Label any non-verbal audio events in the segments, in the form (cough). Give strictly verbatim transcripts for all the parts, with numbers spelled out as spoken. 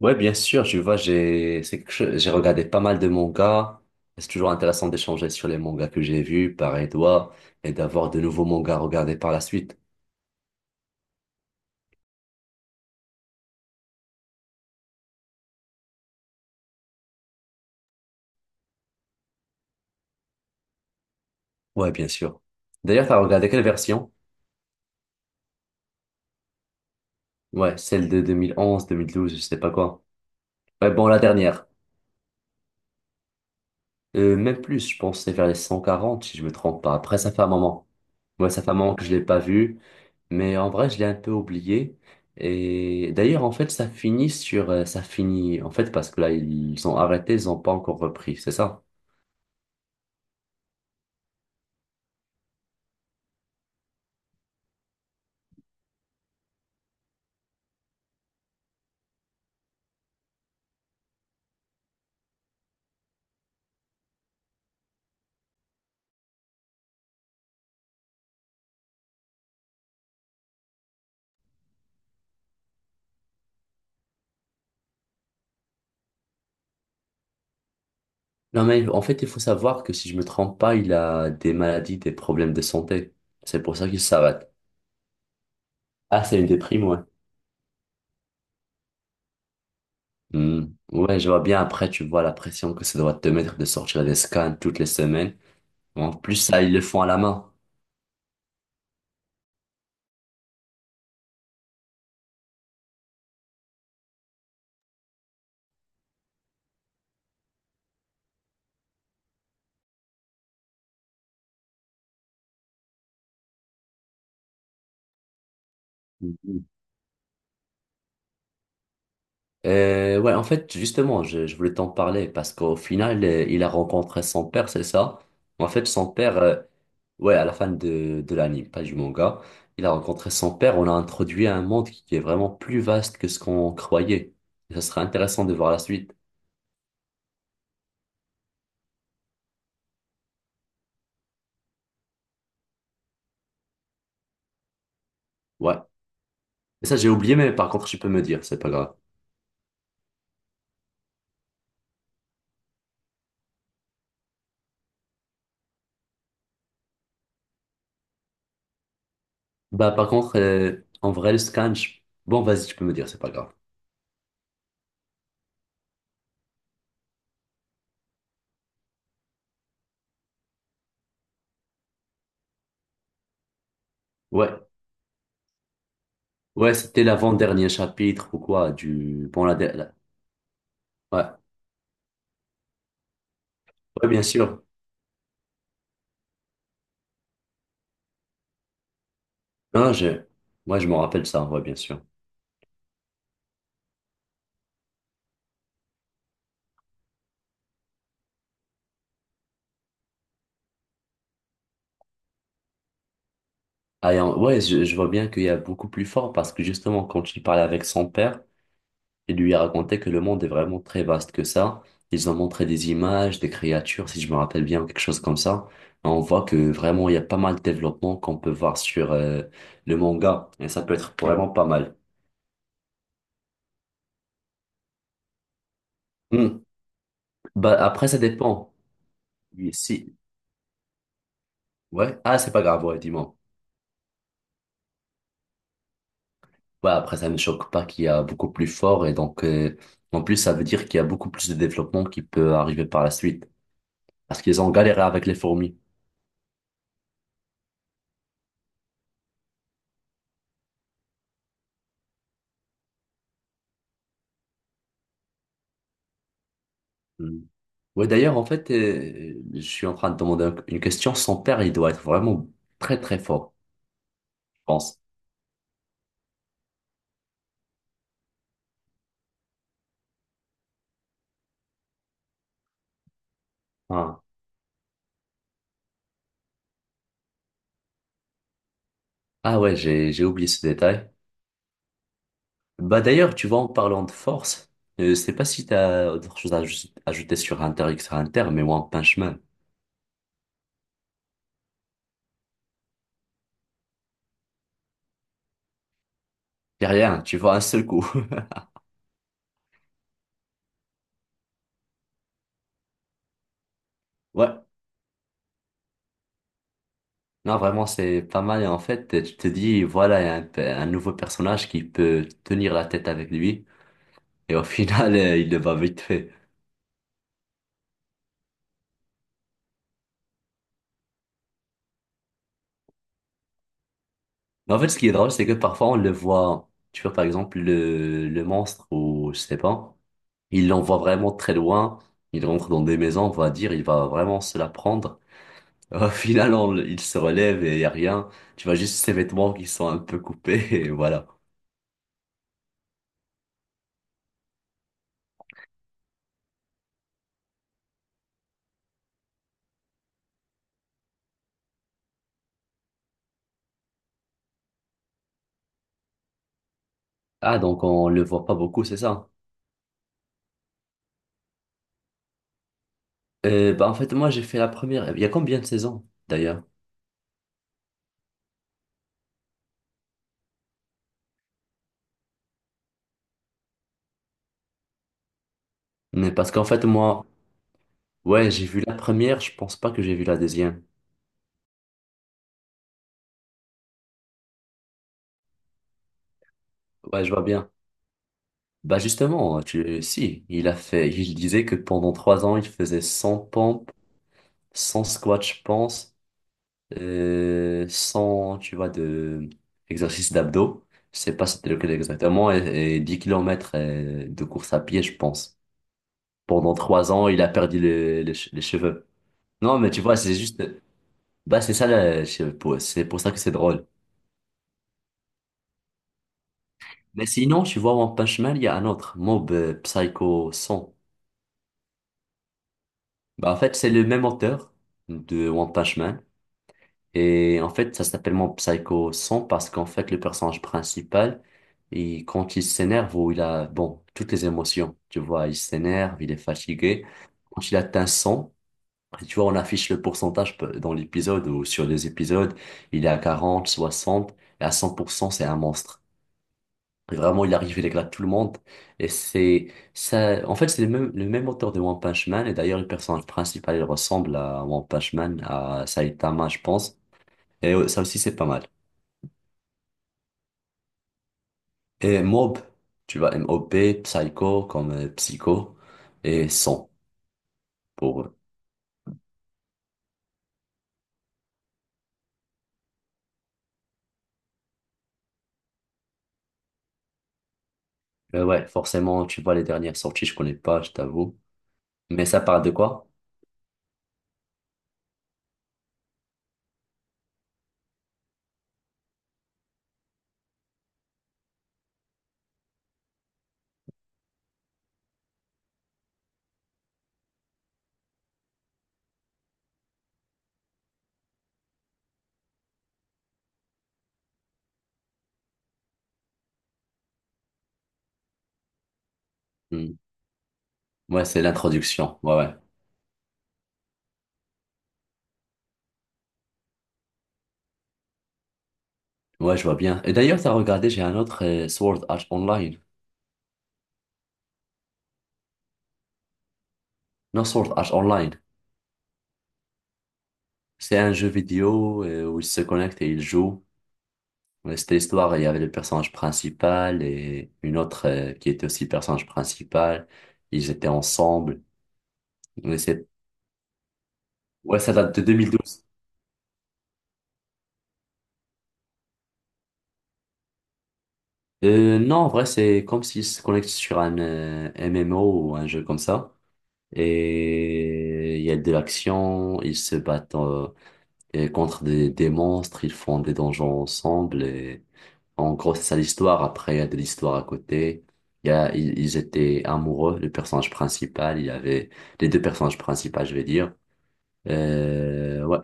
Ouais, bien sûr, tu vois, j'ai c'est quelque chose- j'ai regardé pas mal de mangas. C'est toujours intéressant d'échanger sur les mangas que j'ai vus, pareil toi, et d'avoir de nouveaux mangas à regarder par la suite. Ouais, bien sûr. D'ailleurs, t'as regardé quelle version? Ouais, celle de deux mille onze, deux mille douze, je sais pas quoi. Ouais, bon, la dernière. Euh, même plus, je pense, que c'est vers les cent quarante, si je me trompe pas. Après, ça fait un moment. Ouais, ça fait un moment que je l'ai pas vu. Mais en vrai, je l'ai un peu oublié. Et d'ailleurs, en fait, ça finit sur, euh, ça finit, en fait, parce que là, ils ont arrêté, ils ont pas encore repris, c'est ça? Non, mais en fait, il faut savoir que si je me trompe pas, il a des maladies, des problèmes de santé. C'est pour ça qu'il s'arrête. Ah, c'est une déprime, ouais. Hmm. Ouais, je vois bien après, tu vois la pression que ça doit te mettre de sortir des scans toutes les semaines. En plus, ça, ils le font à la main. Euh, ouais, en fait, justement, je, je voulais t'en parler parce qu'au final, euh, il a rencontré son père, c'est ça? En fait, son père, euh, ouais, à la fin de, de l'anime, pas du manga, il a rencontré son père. On a introduit à un monde qui est vraiment plus vaste que ce qu'on croyait. Et ça serait intéressant de voir la suite. Ouais. Et ça, j'ai oublié, mais par contre, tu peux me dire, c'est pas grave. Bah, par contre, euh, en vrai, le scan, je- bon, vas-y, tu peux me dire, c'est pas grave. Ouais, ouais, c'était l'avant-dernier chapitre ou quoi, du, bon, la, la- ouais, ouais, bien sûr. Non, je, moi, je me rappelle ça, ouais, bien sûr. Ah, et en- ouais, je, je vois bien qu'il y a beaucoup plus fort parce que justement, quand il parlait avec son père, il lui a raconté que le monde est vraiment très vaste que ça. Ils ont montré des images, des créatures, si je me rappelle bien, quelque chose comme ça. Et on voit que vraiment, il y a pas mal de développement qu'on peut voir sur euh, le manga et ça peut être vraiment pas mal. Hmm. Bah, après, ça dépend. Oui, Si, ouais, ah, c'est pas grave, ouais, dis-moi. Ouais, après, ça ne me choque pas qu'il y a beaucoup plus fort et donc, euh, en plus, ça veut dire qu'il y a beaucoup plus de développement qui peut arriver par la suite parce qu'ils ont galéré avec les fourmis. Mm. Ouais, d'ailleurs, en fait, euh, je suis en train de demander un- une question. Son père, il doit être vraiment très, très fort, je pense. Ah, Ah ouais, j'ai, j'ai oublié ce détail. Bah, d'ailleurs, tu vois, en parlant de force, euh, je sais pas si t'as autre chose à aj- ajouter sur Hunter x Hunter, mais One Punch Man. J'ai rien, tu vois, un seul coup. (laughs) Ouais. Non, vraiment, c'est pas mal. Et en fait, tu te dis, voilà, il y a un, pe- un nouveau personnage qui peut tenir la tête avec lui. Et au (laughs) final, euh, il le bat vite fait. Mais en fait, ce qui est drôle, c'est que parfois, on le voit, tu vois, par exemple, le, le monstre ou je sais pas, il l'envoie vraiment très loin. Il rentre dans des maisons, on va dire, il va vraiment se la prendre. (laughs) Au final, on le- il se relève et il y a rien. Tu vois juste ses vêtements qui sont un peu coupés (laughs) et voilà. Ah, donc on le voit pas beaucoup, c'est ça? Euh, bah, en fait, moi, j'ai fait la première. Il y a combien de saisons, d'ailleurs? Mais parce qu'en fait, moi, ouais, j'ai vu la première, je pense pas que j'ai vu la deuxième. Ouais, je vois bien. Bah, justement, tu... si, il a fait, il disait que pendant trois ans, il faisait cent pompes, cent squats, je pense, euh, cent, tu vois, de exercices d'abdos. Je sais pas c'était lequel exactement, et, et dix kilomètres km de course à pied, je pense. Pendant trois ans, il a perdu les, les che- les cheveux. Non, mais tu vois, c'est juste. Bah, c'est ça, là, je sais pas, c'est pour ça que c'est drôle. Mais sinon, tu vois, One Punch Man, il y a un autre, Mob euh, Psycho cent. Bah, en fait, c'est le même auteur de One Punch Man. Et en fait, ça s'appelle Mob Psycho cent parce qu'en fait, le personnage principal, il, quand il s'énerve ou il a, bon, toutes les émotions, tu vois, il s'énerve, il est fatigué. Quand il atteint cent, et tu vois, on affiche le pourcentage pe- dans l'épisode ou sur les épisodes, il est à quarante, soixante, et à cent pour cent, c'est un monstre. Vraiment, il arrive, il éclate tout le monde. Et c'est ça. En fait, c'est le même, le même auteur de One Punch Man. Et d'ailleurs, le personnage principal, il ressemble à One Punch Man, à Saitama, je pense. Et euh, ça aussi, c'est pas mal. Et Mob, tu vois, M-O-B, Psycho, comme euh, Psycho, et Son, pour eux. Mais ouais, forcément, tu vois, les dernières sorties, je connais pas, je t'avoue. Mais ça parle de quoi? Hmm. Ouais, c'est l'introduction. Ouais, ouais. Ouais, je vois bien. Et d'ailleurs, t'as regardé, j'ai un autre euh, Sword Art Online. Non, Sword Art Online. C'est un jeu vidéo euh, où ils se connectent et ils jouent. Ouais, C'était l'histoire, il y avait le personnage principal et une autre euh, qui était aussi personnage principal. Ils étaient ensemble. Mais c'est- Ouais, ça date de deux mille douze. Euh, non, en vrai, c'est comme s'ils se connectent sur un euh, M M O ou un jeu comme ça. Et il y a de l'action, ils se battent euh, et contre des, des monstres, ils font des donjons ensemble et en gros, c'est ça l'histoire. Après, il y a de l'histoire à côté. Il y a, ils, ils étaient amoureux, le personnage principal, il y avait les deux personnages principaux, je vais dire. Euh, ouais,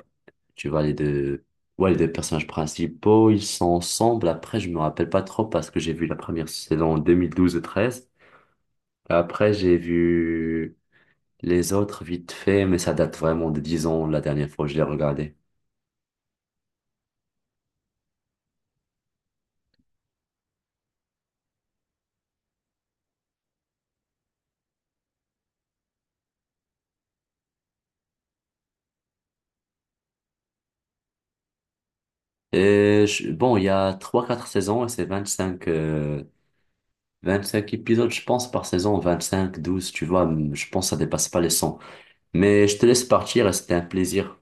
tu vois, les deux, ouais, les deux personnages principaux, ils sont ensemble. Après, je me rappelle pas trop parce que j'ai vu la première saison en deux mille douze et treize. Après, j'ai vu les autres vite fait, mais ça date vraiment de dix ans la dernière fois que je l'ai regardé. Et je- bon, il y a trois quatre saisons et c'est vingt cinq euh, cinq épisodes, je pense, par saison, vingt cinq douze tu vois, je pense que ça dépasse pas les cent. Mais je te laisse partir et c'était un plaisir.